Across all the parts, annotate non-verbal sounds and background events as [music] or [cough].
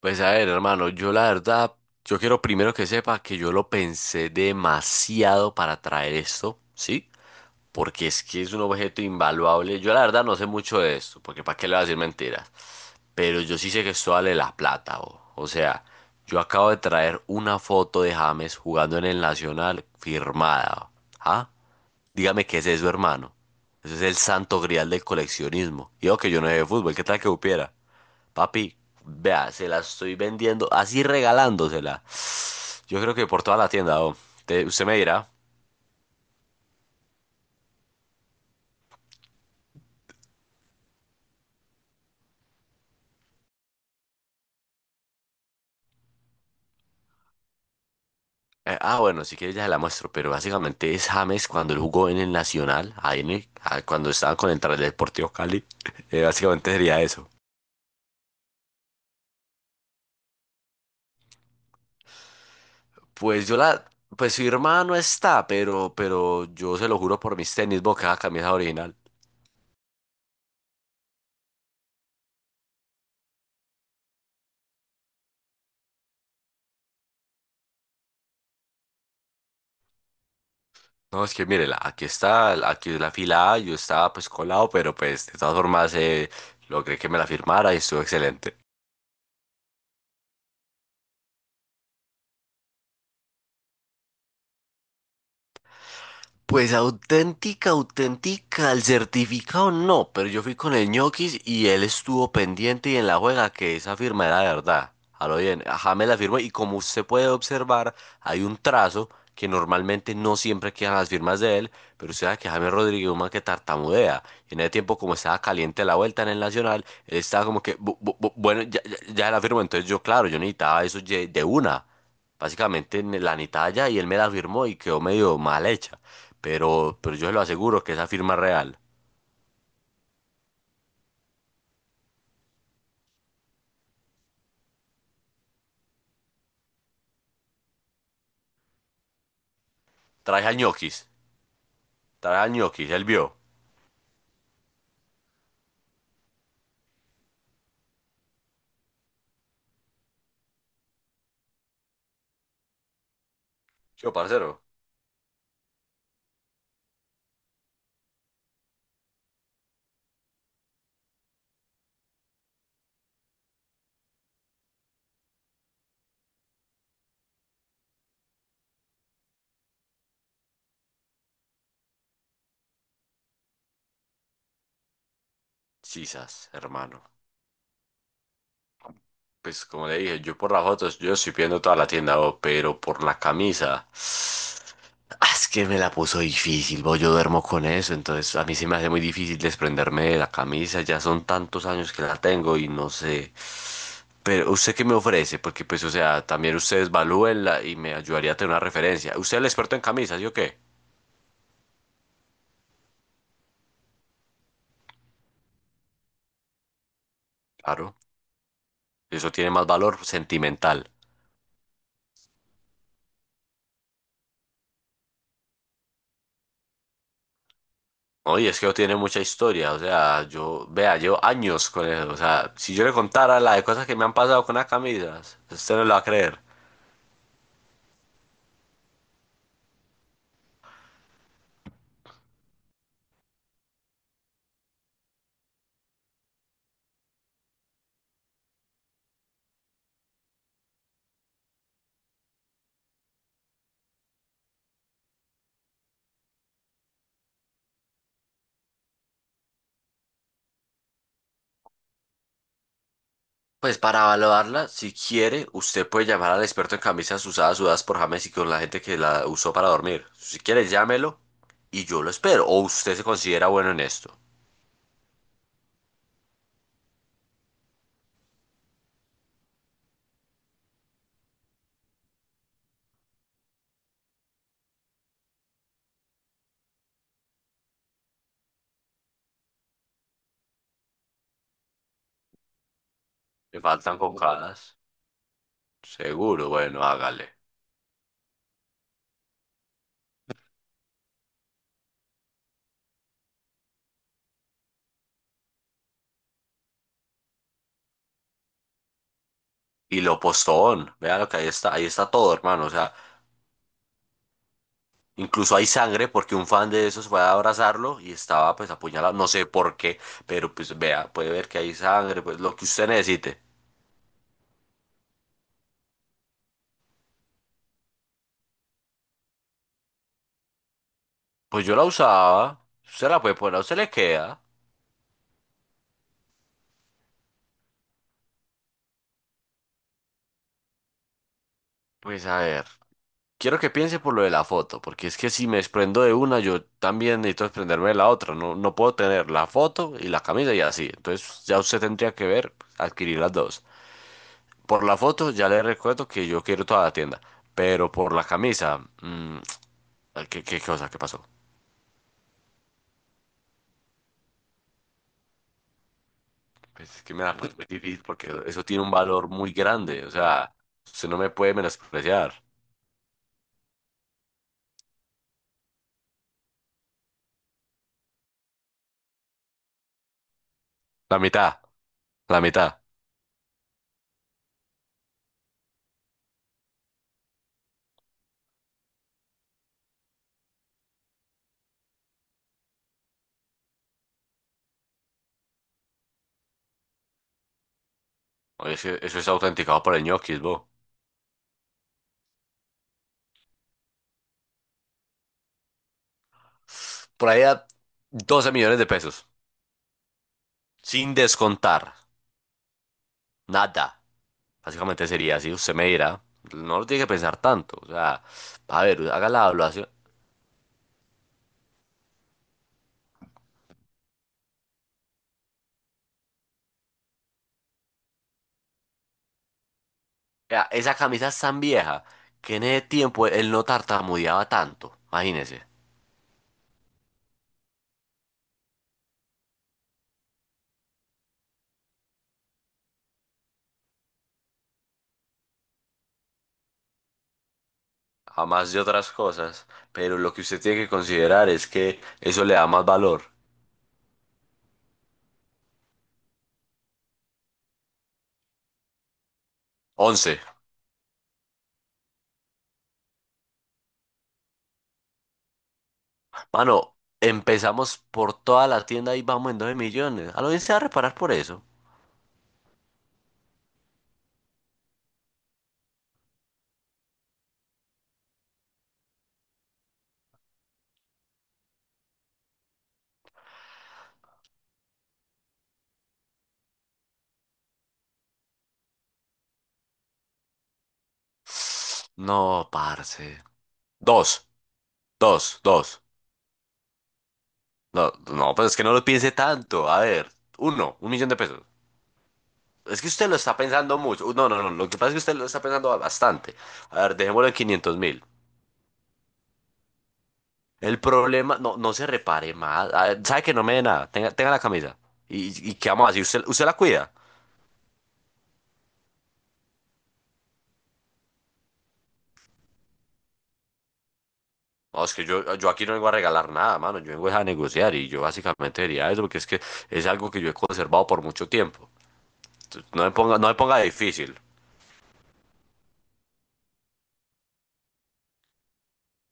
Pues a ver, hermano, yo la verdad, yo quiero primero que sepa que yo lo pensé demasiado para traer esto, ¿sí? Porque es que es un objeto invaluable. Yo la verdad no sé mucho de esto, porque ¿para qué le voy a decir mentiras? Pero yo sí sé que esto vale la plata, bo. O sea, yo acabo de traer una foto de James jugando en el Nacional firmada, bo. ¿Ah? Dígame qué es eso, hermano. Eso es el santo grial del coleccionismo. Y yo que yo no sé de fútbol, ¿qué tal que supiera? Papi, vea, se la estoy vendiendo, así regalándosela. Yo creo que por toda la tienda, oh. Usted me dirá. Bueno, si quieres ya se la muestro, pero básicamente es James cuando él jugó en el Nacional, ahí en cuando estaba con el Deportivo Cali. [laughs] Básicamente sería eso. Pues yo la, pues su hermano está, pero yo se lo juro por mis tenis, boca, camisa original. No, es que mírela, aquí está, aquí es la fila A, yo estaba pues colado, pero pues de todas formas logré que me la firmara y estuvo excelente. Pues auténtica, auténtica, el certificado no, pero yo fui con el ñoquis y él estuvo pendiente y en la juega que esa firma era verdad. A lo bien, ajá, me la firmó y como usted puede observar, hay un trazo que normalmente no siempre quedan las firmas de él, pero usted sabe que James Rodríguez es un man que tartamudea. Y en ese tiempo, como estaba caliente la vuelta en el Nacional, él estaba como que, "Bueno, ya, ya, ya la firmó", entonces yo, claro, yo necesitaba de una. Básicamente la necesitaba ya y él me la firmó y quedó medio mal hecha. Pero yo se lo aseguro que esa firma es real. Trae al ñoquis, trae al ñoquis, él vio. Yo, parcero. Sisas, hermano. Pues como le dije, yo por las fotos, yo estoy viendo toda la tienda, bo, pero por la camisa. Es que me la puso difícil, bo, yo duermo con eso, entonces a mí se me hace muy difícil desprenderme de la camisa, ya son tantos años que la tengo y no sé. Pero usted qué me ofrece, porque pues o sea, también ustedes valúenla y me ayudaría a tener una referencia. ¿Usted es el experto en camisas, yo qué? Claro. Eso tiene más valor sentimental. Oye, es que tiene mucha historia, o sea, yo, vea, llevo años con eso, o sea, si yo le contara la de cosas que me han pasado con las camisas, usted no lo va a creer. Pues para evaluarla, si quiere, usted puede llamar al experto en camisas usadas, sudadas por James y con la gente que la usó para dormir. Si quiere, llámelo y yo lo espero. O usted se considera bueno en esto. Me faltan cocadas. Seguro, bueno, hágale. Y lo postón, vea lo que ahí está todo, hermano, o sea. Incluso hay sangre porque un fan de esos fue a abrazarlo y estaba pues apuñalado, no sé por qué, pero pues vea, puede ver que hay sangre, pues lo que usted necesite. Pues yo la usaba, usted la puede poner, a usted le queda. Pues a ver, quiero que piense por lo de la foto, porque es que si me desprendo de una, yo también necesito desprenderme de la otra, no, no puedo tener la foto y la camisa y así, entonces ya usted tendría que ver, adquirir las dos. Por la foto ya le recuerdo que yo quiero toda la tienda, pero por la camisa, ¿qué, qué cosa? ¿Qué pasó? Pues es que me da pones muy difícil porque eso tiene un valor muy grande. O sea, usted no me puede menospreciar. La mitad, la mitad. Oye, es que eso es autenticado por el ñoquis, bo. Por ahí a 12.000.000 de pesos. Sin descontar. Nada. Básicamente sería así. Usted me dirá. No lo tiene que pensar tanto. O sea, a ver, haga la evaluación. Vea, esa camisa es tan vieja que en ese tiempo él no tartamudeaba tanto. Imagínese. A más de otras cosas, pero lo que usted tiene que considerar es que eso le da más valor. 11. Mano, empezamos por toda la tienda y vamos en 12.000.000. A lo bien se va a reparar por eso. No, parce. Dos, dos, dos. No, no, pues es que no lo piense tanto. A ver, uno, 1.000.000 de pesos. Es que usted lo está pensando mucho. No, no, no, lo que pasa es que usted lo está pensando bastante. A ver, dejémoslo en 500.000. El problema, no, no se repare más. Ah, sabe que no me dé nada. Tenga, tenga la camisa. ¿Y qué vamos a hacer? ¿Usted la cuida? No, es que yo aquí no vengo a regalar nada, mano. Yo vengo es a negociar y yo básicamente diría eso porque es que es algo que yo he conservado por mucho tiempo. Entonces, no me ponga, no me ponga difícil.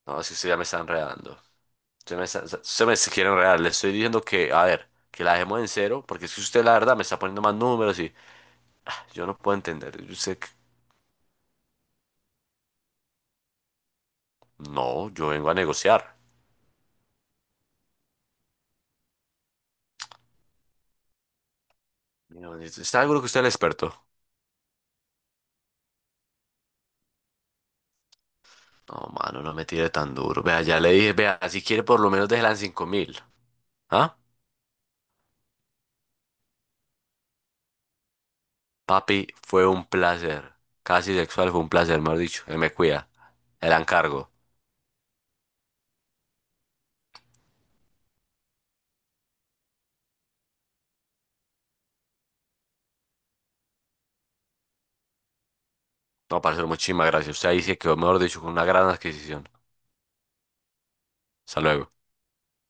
No, es que usted ya me está enredando. Usted me quiere enredar. Le estoy diciendo que, a ver, que la dejemos en cero porque es que usted la verdad me está poniendo más números y yo no puedo entender. Yo sé que no, yo vengo a negociar. Mira, está algo que usted es el experto. No, mano, no me tire tan duro. Vea, ya le dije, vea, si quiere por lo menos déjela en 5 mil. ¿Ah? Papi, fue un placer. Casi sexual fue un placer, mejor dicho. Él me cuida. El encargo. No, parcero, muchísimas gracias. Usted ahí se quedó, mejor dicho, con una gran adquisición. Hasta luego.